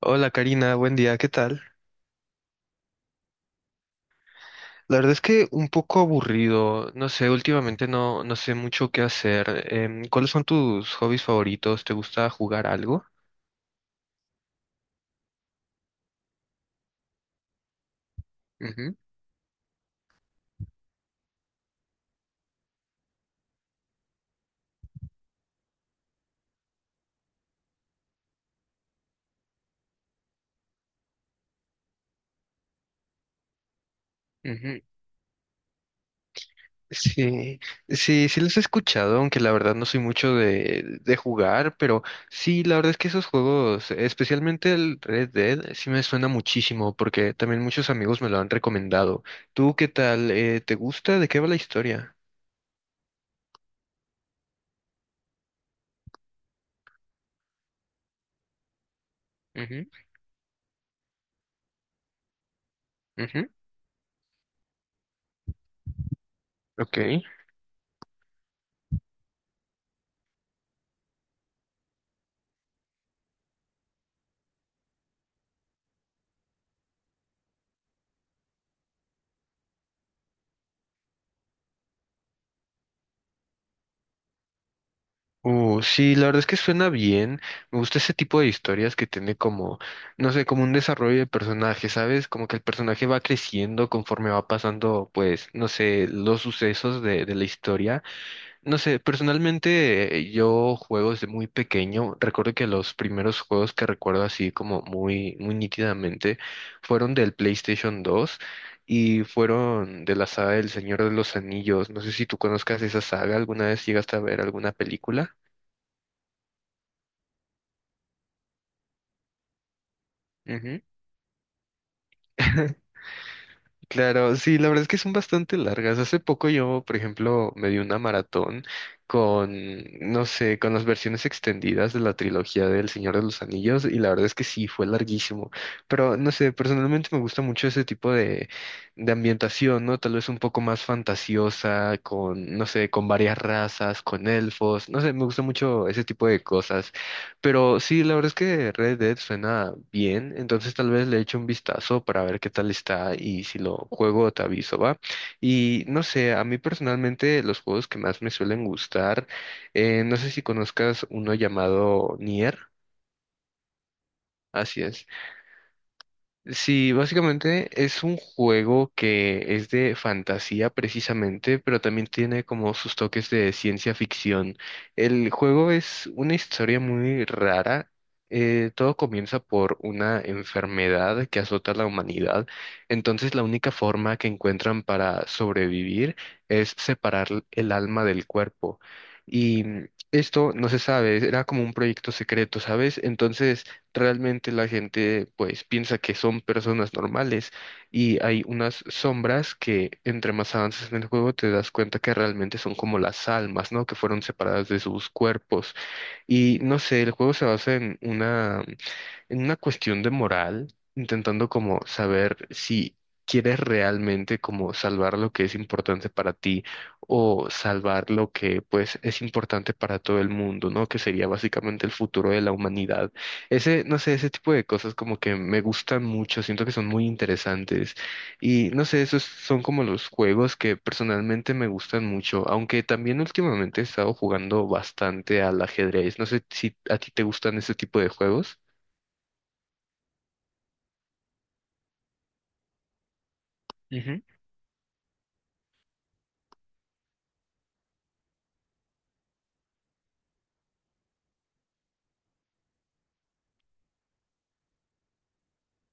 Hola Karina, buen día, ¿qué tal? La verdad es que un poco aburrido, no sé, últimamente no sé mucho qué hacer. ¿Cuáles son tus hobbies favoritos? ¿Te gusta jugar algo? Ujú, ujú. Sí, sí los he escuchado, aunque la verdad no soy mucho de jugar, pero sí, la verdad es que esos juegos, especialmente el Red Dead, sí me suena muchísimo porque también muchos amigos me lo han recomendado. ¿Tú qué tal? ¿Te gusta? ¿De qué va la historia? Ujú, ujú, ok. Sí, la verdad es que suena bien. Me gusta ese tipo de historias que tiene como, no sé, como un desarrollo de personaje, ¿sabes? Como que el personaje va creciendo conforme va pasando, pues, no sé, los sucesos de la historia. No sé, personalmente yo juego desde muy pequeño. Recuerdo que los primeros juegos que recuerdo así como muy, muy nítidamente fueron del PlayStation 2 y fueron de la saga del Señor de los Anillos. No sé si tú conozcas esa saga, ¿alguna vez llegaste a ver alguna película? Ujú. Claro, sí, la verdad es que son bastante largas. Hace poco yo, por ejemplo, me di una maratón con, no sé, con las versiones extendidas de la trilogía del Señor de los Anillos y la verdad es que sí, fue larguísimo. Pero, no sé, personalmente me gusta mucho ese tipo de ambientación, ¿no? Tal vez un poco más fantasiosa, con, no sé, con varias razas, con elfos, no sé, me gusta mucho ese tipo de cosas. Pero sí, la verdad es que Red Dead suena bien, entonces tal vez le eche un vistazo para ver qué tal está y si lo juego te aviso, ¿va? Y no sé, a mí personalmente los juegos que más me suelen gustar, no sé si conozcas uno llamado Nier, así es. Sí, básicamente es un juego que es de fantasía precisamente, pero también tiene como sus toques de ciencia ficción. El juego es una historia muy rara. Todo comienza por una enfermedad que azota a la humanidad. Entonces la única forma que encuentran para sobrevivir es separar el alma del cuerpo. Y esto no se sabe, era como un proyecto secreto, ¿sabes? Entonces realmente la gente pues piensa que son personas normales y hay unas sombras que entre más avances en el juego te das cuenta que realmente son como las almas, ¿no? Que fueron separadas de sus cuerpos y no sé, el juego se basa en una cuestión de moral, intentando como saber si quieres realmente como salvar lo que es importante para ti o salvar lo que pues es importante para todo el mundo, ¿no? Que sería básicamente el futuro de la humanidad. Ese, no sé, ese tipo de cosas como que me gustan mucho, siento que son muy interesantes y no sé, esos son como los juegos que personalmente me gustan mucho, aunque también últimamente he estado jugando bastante al ajedrez. No sé si a ti te gustan ese tipo de juegos.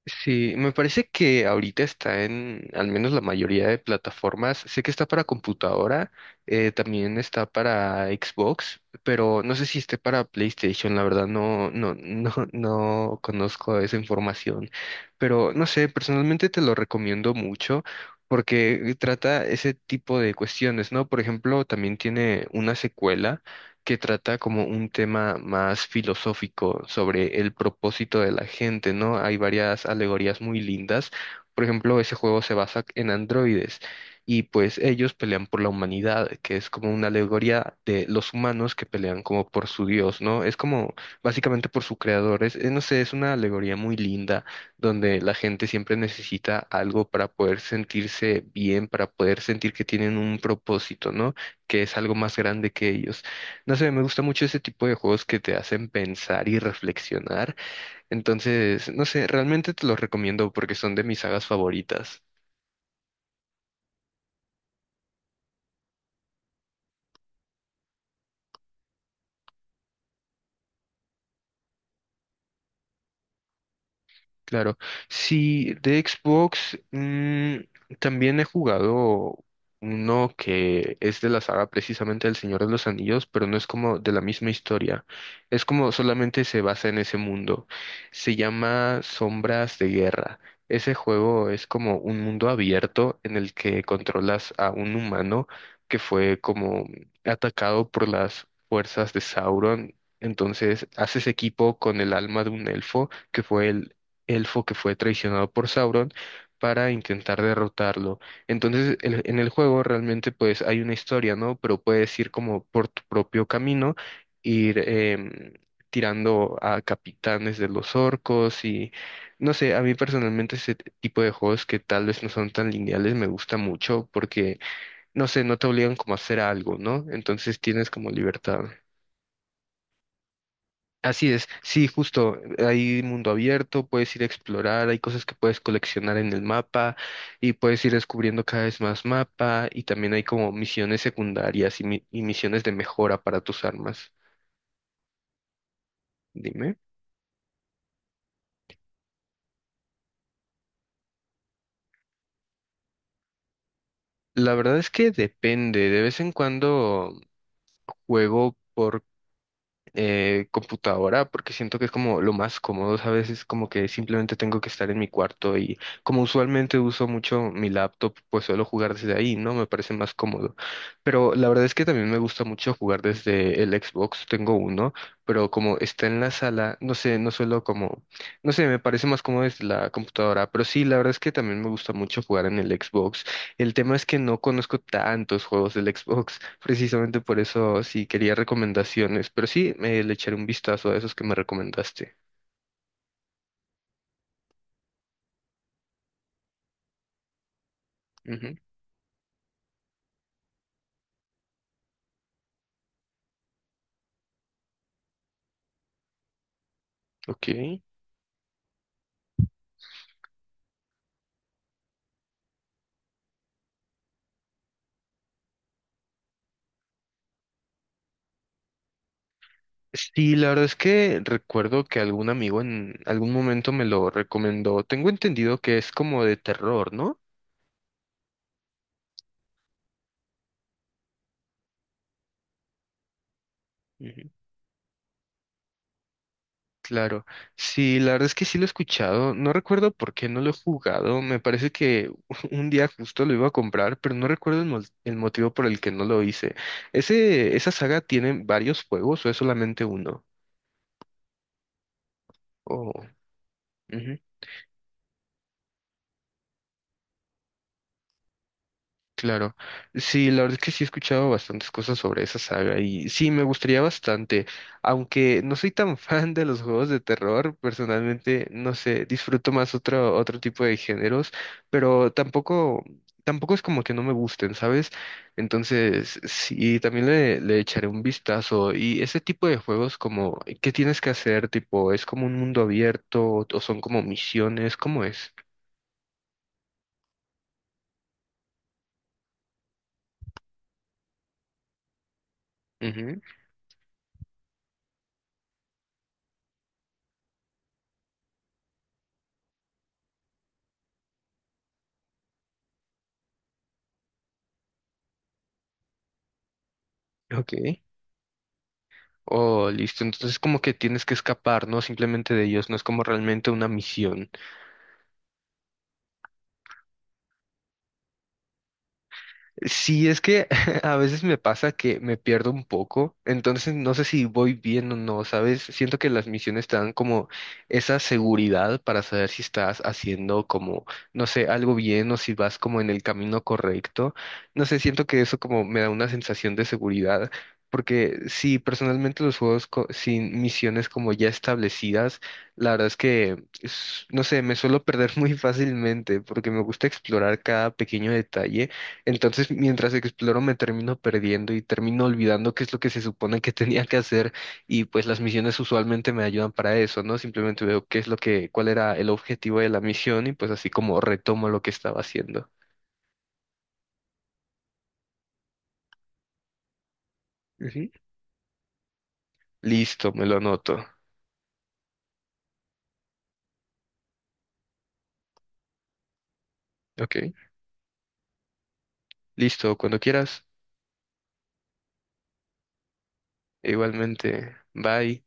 Sí, me parece que ahorita está en al menos la mayoría de plataformas. Sé que está para computadora, también está para Xbox, pero no sé si esté para PlayStation. La verdad no conozco esa información. Pero no sé, personalmente te lo recomiendo mucho porque trata ese tipo de cuestiones, ¿no? Por ejemplo, también tiene una secuela que trata como un tema más filosófico sobre el propósito de la gente, ¿no? Hay varias alegorías muy lindas. Por ejemplo, ese juego se basa en androides y pues ellos pelean por la humanidad, que es como una alegoría de los humanos que pelean como por su Dios, ¿no? Es como básicamente por su creador. Es, no sé, es una alegoría muy linda donde la gente siempre necesita algo para poder sentirse bien, para poder sentir que tienen un propósito, ¿no? Que es algo más grande que ellos. No sé, me gusta mucho ese tipo de juegos que te hacen pensar y reflexionar. Entonces, no sé, realmente te los recomiendo porque son de mis sagas favoritas. Claro. Sí, de Xbox también he jugado uno que es de la saga precisamente del Señor de los Anillos, pero no es como de la misma historia. Es como solamente se basa en ese mundo. Se llama Sombras de Guerra. Ese juego es como un mundo abierto en el que controlas a un humano que fue como atacado por las fuerzas de Sauron. Entonces haces equipo con el alma de un elfo que fue el elfo que fue traicionado por Sauron para intentar derrotarlo. Entonces, en el juego realmente pues hay una historia, ¿no? Pero puedes ir como por tu propio camino, ir tirando a capitanes de los orcos y no sé, a mí personalmente ese tipo de juegos que tal vez no son tan lineales me gusta mucho porque, no sé, no te obligan como a hacer algo, ¿no? Entonces tienes como libertad. Así es, sí, justo, hay mundo abierto, puedes ir a explorar, hay cosas que puedes coleccionar en el mapa y puedes ir descubriendo cada vez más mapa y también hay como misiones secundarias y, y misiones de mejora para tus armas. Dime. La verdad es que depende, de vez en cuando juego computadora porque siento que es como lo más cómodo, a veces como que simplemente tengo que estar en mi cuarto y como usualmente uso mucho mi laptop, pues suelo jugar desde ahí, ¿no? Me parece más cómodo. Pero la verdad es que también me gusta mucho jugar desde el Xbox, tengo uno, pero como está en la sala, no sé, no suelo como, no sé, me parece más cómodo desde la computadora, pero sí, la verdad es que también me gusta mucho jugar en el Xbox. El tema es que no conozco tantos juegos del Xbox. Precisamente por eso sí quería recomendaciones, pero sí le echaré un vistazo a esos que me recomendaste. Ujú, ok. Sí, la verdad es que recuerdo que algún amigo en algún momento me lo recomendó. Tengo entendido que es como de terror, ¿no? Ujú. Claro. Sí, la verdad es que sí lo he escuchado. No recuerdo por qué no lo he jugado. Me parece que un día justo lo iba a comprar, pero no recuerdo el motivo por el que no lo hice. ¿Ese, esa saga tiene varios juegos o es solamente uno? Oh. Ujú. Claro, sí, la verdad es que sí he escuchado bastantes cosas sobre esa saga y sí, me gustaría bastante, aunque no soy tan fan de los juegos de terror, personalmente, no sé, disfruto más otro, otro tipo de géneros, pero tampoco, tampoco es como que no me gusten, ¿sabes? Entonces, sí, también le echaré un vistazo y ese tipo de juegos como, ¿qué tienes que hacer? Tipo, ¿es como un mundo abierto o son como misiones? ¿Cómo es? Ujú, ok. Oh, listo. Entonces como que tienes que escapar, ¿no? Simplemente de ellos. No es como realmente una misión. Sí, es que a veces me pasa que me pierdo un poco, entonces no sé si voy bien o no, ¿sabes? Siento que las misiones te dan como esa seguridad para saber si estás haciendo como, no sé, algo bien o si vas como en el camino correcto. No sé, siento que eso como me da una sensación de seguridad, porque sí, personalmente los juegos sin misiones como ya establecidas, la verdad es que, no sé, me suelo perder muy fácilmente porque me gusta explorar cada pequeño detalle. Entonces, mientras exploro, me termino perdiendo y termino olvidando qué es lo que se supone que tenía que hacer. Y pues las misiones usualmente me ayudan para eso, ¿no? Simplemente veo qué es lo que, cuál era el objetivo de la misión y pues así como retomo lo que estaba haciendo. Ujú. Listo, me lo anoto. Ok. Listo, cuando quieras. Igualmente. Bye.